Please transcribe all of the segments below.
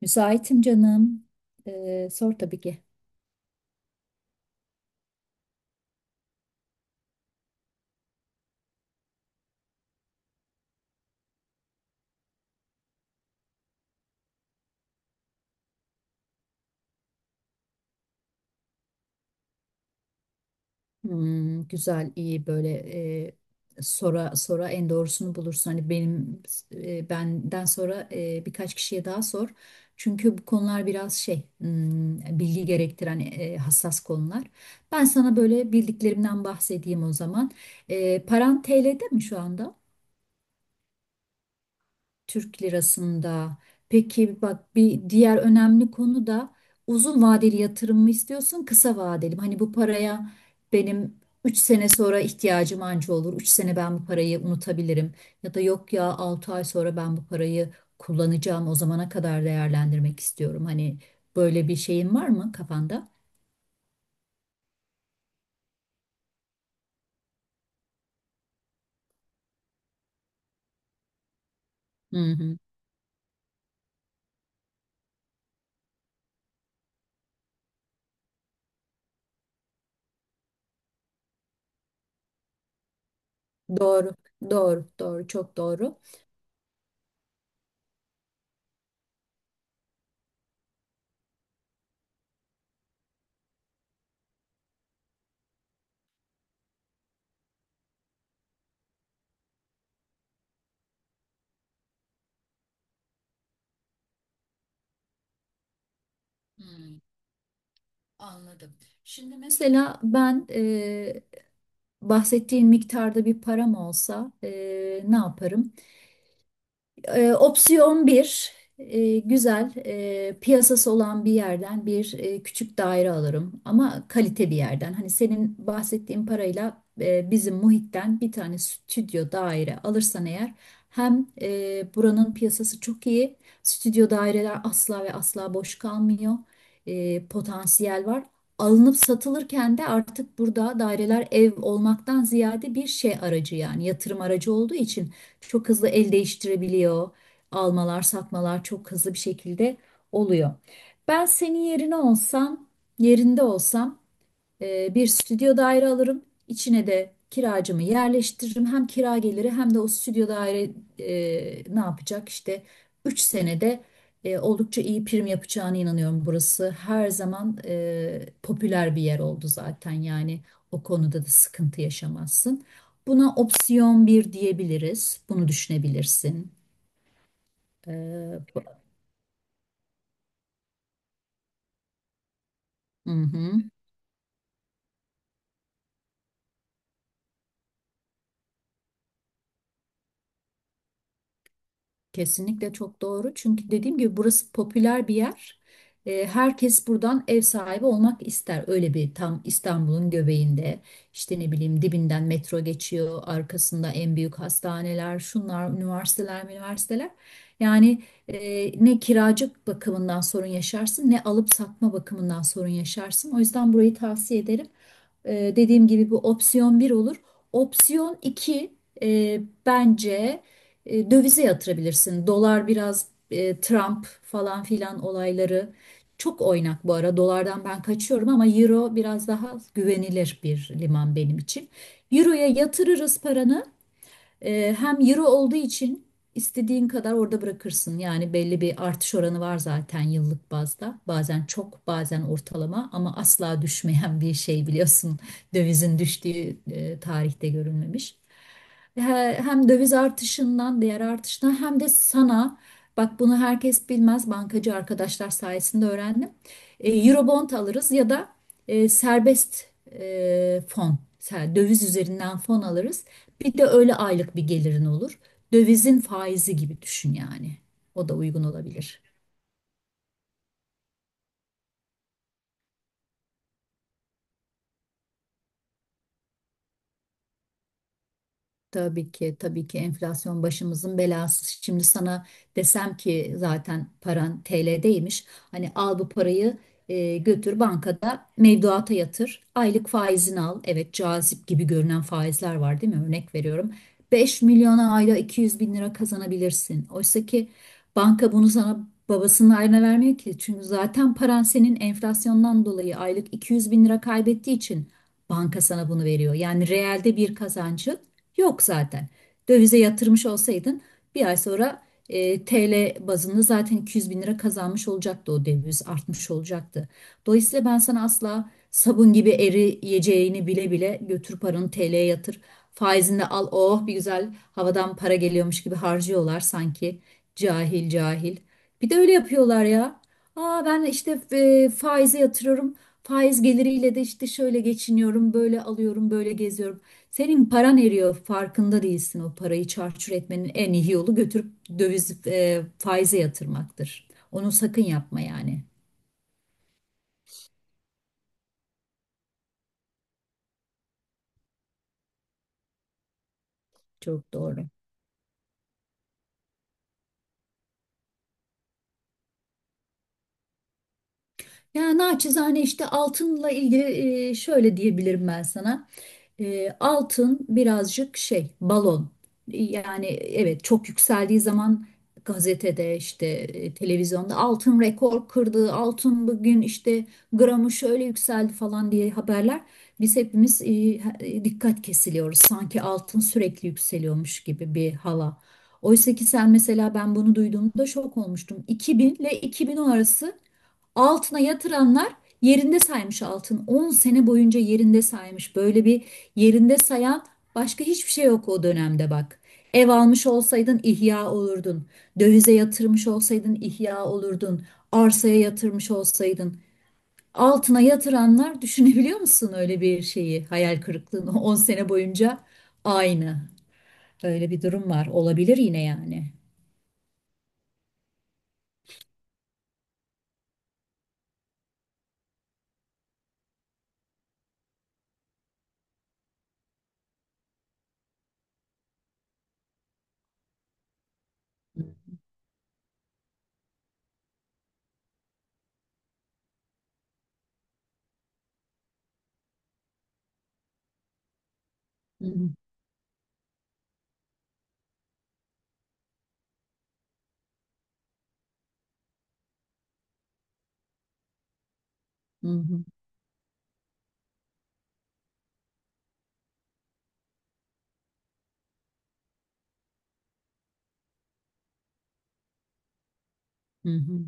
Müsaitim canım. Sor tabii ki. Hmm, güzel, iyi böyle sora sora en doğrusunu bulursun. Hani benden sonra birkaç kişiye daha sor. Çünkü bu konular biraz bilgi gerektiren hassas konular. Ben sana böyle bildiklerimden bahsedeyim o zaman. Paran TL'de mi şu anda? Türk lirasında. Peki bak, bir diğer önemli konu da uzun vadeli yatırım mı istiyorsun, kısa vadeli mi? Hani bu paraya benim 3 sene sonra ihtiyacım anca olur. 3 sene ben bu parayı unutabilirim. Ya da yok ya, 6 ay sonra ben bu parayı kullanacağım, o zamana kadar değerlendirmek istiyorum. Hani böyle bir şeyin var mı kafanda? Hı hı. Doğru, doğru, doğru, çok doğru. Hmm, anladım. Şimdi mesela ben bahsettiğin miktarda bir param olsa ne yaparım? Opsiyon bir, güzel piyasası olan bir yerden bir küçük daire alırım ama kalite bir yerden. Hani senin bahsettiğin parayla bizim muhitten bir tane stüdyo daire alırsan eğer, hem buranın piyasası çok iyi, stüdyo daireler asla ve asla boş kalmıyor. Potansiyel var. Alınıp satılırken de artık burada daireler ev olmaktan ziyade bir şey aracı, yani yatırım aracı olduğu için çok hızlı el değiştirebiliyor. Almalar, satmalar çok hızlı bir şekilde oluyor. Ben senin yerine olsam, yerinde olsam bir stüdyo daire alırım. İçine de kiracımı yerleştiririm. Hem kira geliri hem de o stüdyo daire ne yapacak? İşte 3 senede oldukça iyi prim yapacağına inanıyorum. Burası her zaman popüler bir yer oldu zaten. Yani o konuda da sıkıntı yaşamazsın. Buna opsiyon bir diyebiliriz. Bunu düşünebilirsin. Ee, bu- Hı hı. Kesinlikle çok doğru. Çünkü dediğim gibi burası popüler bir yer. Herkes buradan ev sahibi olmak ister. Öyle bir tam İstanbul'un göbeğinde, işte ne bileyim, dibinden metro geçiyor. Arkasında en büyük hastaneler, şunlar, üniversiteler, üniversiteler. Yani ne kiracı bakımından sorun yaşarsın ne alıp satma bakımından sorun yaşarsın. O yüzden burayı tavsiye ederim. Dediğim gibi bu opsiyon bir olur. Opsiyon iki, bence dövize yatırabilirsin. Dolar biraz Trump falan filan olayları çok oynak bu ara. Dolardan ben kaçıyorum ama euro biraz daha güvenilir bir liman benim için. Euro'ya yatırırız paranı. Hem euro olduğu için istediğin kadar orada bırakırsın. Yani belli bir artış oranı var zaten yıllık bazda. Bazen çok, bazen ortalama ama asla düşmeyen bir şey, biliyorsun. Dövizin düştüğü tarihte görülmemiş. Hem döviz artışından, diğer artıştan hem de sana. Bak, bunu herkes bilmez. Bankacı arkadaşlar sayesinde öğrendim. Eurobond alırız ya da serbest fon, döviz üzerinden fon alırız. Bir de öyle aylık bir gelirin olur. Dövizin faizi gibi düşün yani. O da uygun olabilir. Tabii ki, tabii ki enflasyon başımızın belası. Şimdi sana desem ki zaten paran TL'deymiş, hani al bu parayı götür bankada mevduata yatır, aylık faizini al. Evet, cazip gibi görünen faizler var değil mi? Örnek veriyorum. 5 milyona ayda 200 bin lira kazanabilirsin. Oysa ki banka bunu sana babasının ayrına vermiyor ki. Çünkü zaten paran senin enflasyondan dolayı aylık 200 bin lira kaybettiği için banka sana bunu veriyor. Yani reelde bir kazancı yok zaten. Dövize yatırmış olsaydın bir ay sonra TL bazında zaten 200 bin lira kazanmış olacaktı, o döviz artmış olacaktı. Dolayısıyla ben sana asla, sabun gibi eriyeceğini bile bile götür paranı TL'ye yatır, faizini de al, oh, bir güzel havadan para geliyormuş gibi harcıyorlar sanki, cahil cahil. Bir de öyle yapıyorlar ya. Aa, ben işte faize yatırıyorum. Faiz geliriyle de işte şöyle geçiniyorum, böyle alıyorum, böyle geziyorum. Senin paran eriyor, farkında değilsin. O parayı çarçur etmenin en iyi yolu götürüp döviz faize yatırmaktır. Onu sakın yapma yani. Çok doğru. Ya, naçizane işte altınla ilgili şöyle diyebilirim ben sana. Altın birazcık şey, balon. Yani evet, çok yükseldiği zaman gazetede işte, televizyonda altın rekor kırdı, altın bugün işte gramı şöyle yükseldi falan diye haberler. Biz hepimiz dikkat kesiliyoruz. Sanki altın sürekli yükseliyormuş gibi bir hala. Oysa ki sen mesela, ben bunu duyduğumda şok olmuştum. 2000 ile 2010 arası altına yatıranlar yerinde saymış altın. 10 sene boyunca yerinde saymış. Böyle bir yerinde sayan başka hiçbir şey yok o dönemde, bak. Ev almış olsaydın ihya olurdun. Dövize yatırmış olsaydın ihya olurdun. Arsaya yatırmış olsaydın. Altına yatıranlar düşünebiliyor musun öyle bir şeyi? Hayal kırıklığını, 10 sene boyunca aynı. Öyle bir durum var. Olabilir yine yani. Hı hı, hı hı, hı hı.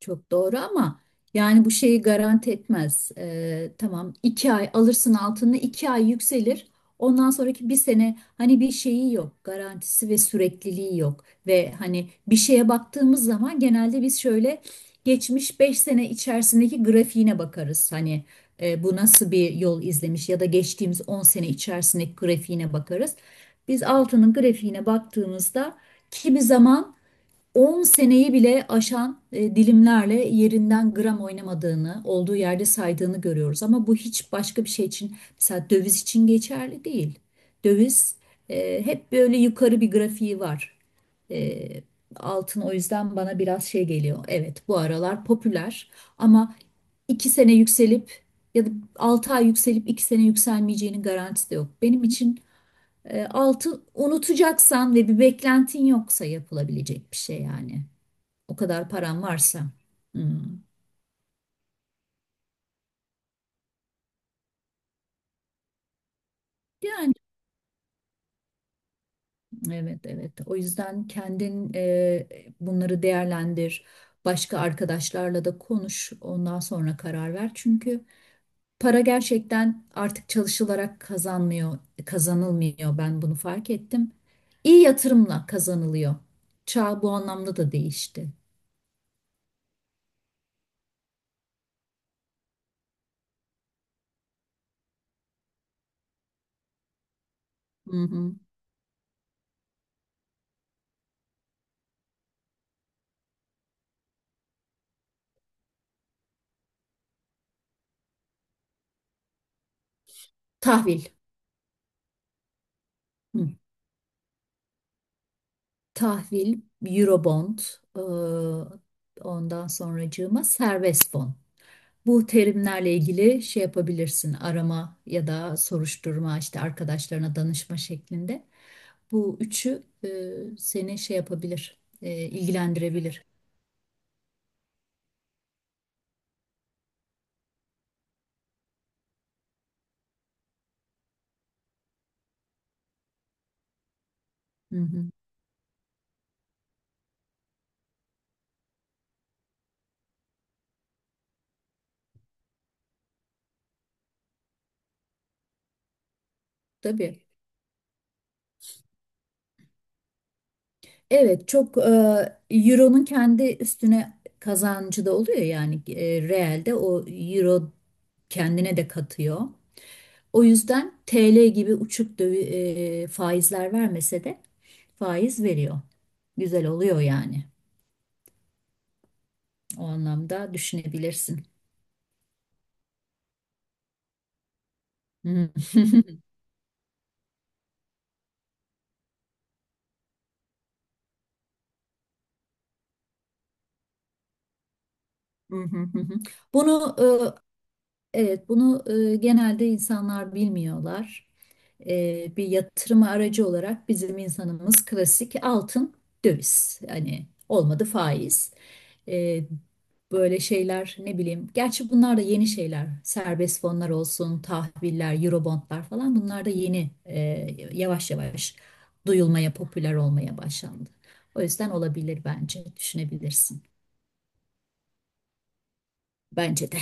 Çok doğru ama yani bu şeyi garanti etmez. Tamam, 2 ay alırsın altını, 2 ay yükselir. Ondan sonraki bir sene hani bir şeyi yok. Garantisi ve sürekliliği yok. Ve hani bir şeye baktığımız zaman genelde biz şöyle geçmiş 5 sene içerisindeki grafiğine bakarız. Hani bu nasıl bir yol izlemiş, ya da geçtiğimiz 10 sene içerisindeki grafiğine bakarız. Biz altının grafiğine baktığımızda kimi zaman 10 seneyi bile aşan dilimlerle yerinden gram oynamadığını, olduğu yerde saydığını görüyoruz. Ama bu hiç başka bir şey için, mesela döviz için geçerli değil. Döviz hep böyle yukarı bir grafiği var. E, Altın o yüzden bana biraz şey geliyor. Evet, bu aralar popüler ama 2 sene yükselip ya da 6 ay yükselip 2 sene yükselmeyeceğinin garantisi de yok. Benim için altın, unutacaksan ve bir beklentin yoksa yapılabilecek bir şey yani. O kadar paran varsa. Hmm. Yani evet, evet. O yüzden kendin bunları değerlendir. Başka arkadaşlarla da konuş. Ondan sonra karar ver. Çünkü para gerçekten artık çalışılarak kazanmıyor, kazanılmıyor. Ben bunu fark ettim. İyi yatırımla kazanılıyor. Çağ bu anlamda da değişti. Hı hı. Tahvil. Hı. Tahvil, Eurobond, e, ondan sonracığıma serbest fon. Bu terimlerle ilgili şey yapabilirsin, arama ya da soruşturma, işte arkadaşlarına danışma şeklinde. Bu üçü seni şey yapabilir, ilgilendirebilir. Hı hı, tabii. Evet, çok Euro'nun kendi üstüne kazancı da oluyor yani, realde o Euro kendine de katıyor. O yüzden TL gibi uçuk faizler vermese de faiz veriyor. Güzel oluyor yani. O anlamda düşünebilirsin. Bunu Evet, bunu genelde insanlar bilmiyorlar. Bir yatırım aracı olarak bizim insanımız klasik altın, döviz. Hani olmadı faiz. E, Böyle şeyler, ne bileyim. Gerçi bunlar da yeni şeyler. Serbest fonlar olsun, tahviller, eurobondlar falan, bunlar da yeni yavaş yavaş duyulmaya, popüler olmaya başlandı. O yüzden olabilir bence, düşünebilirsin. Bence de.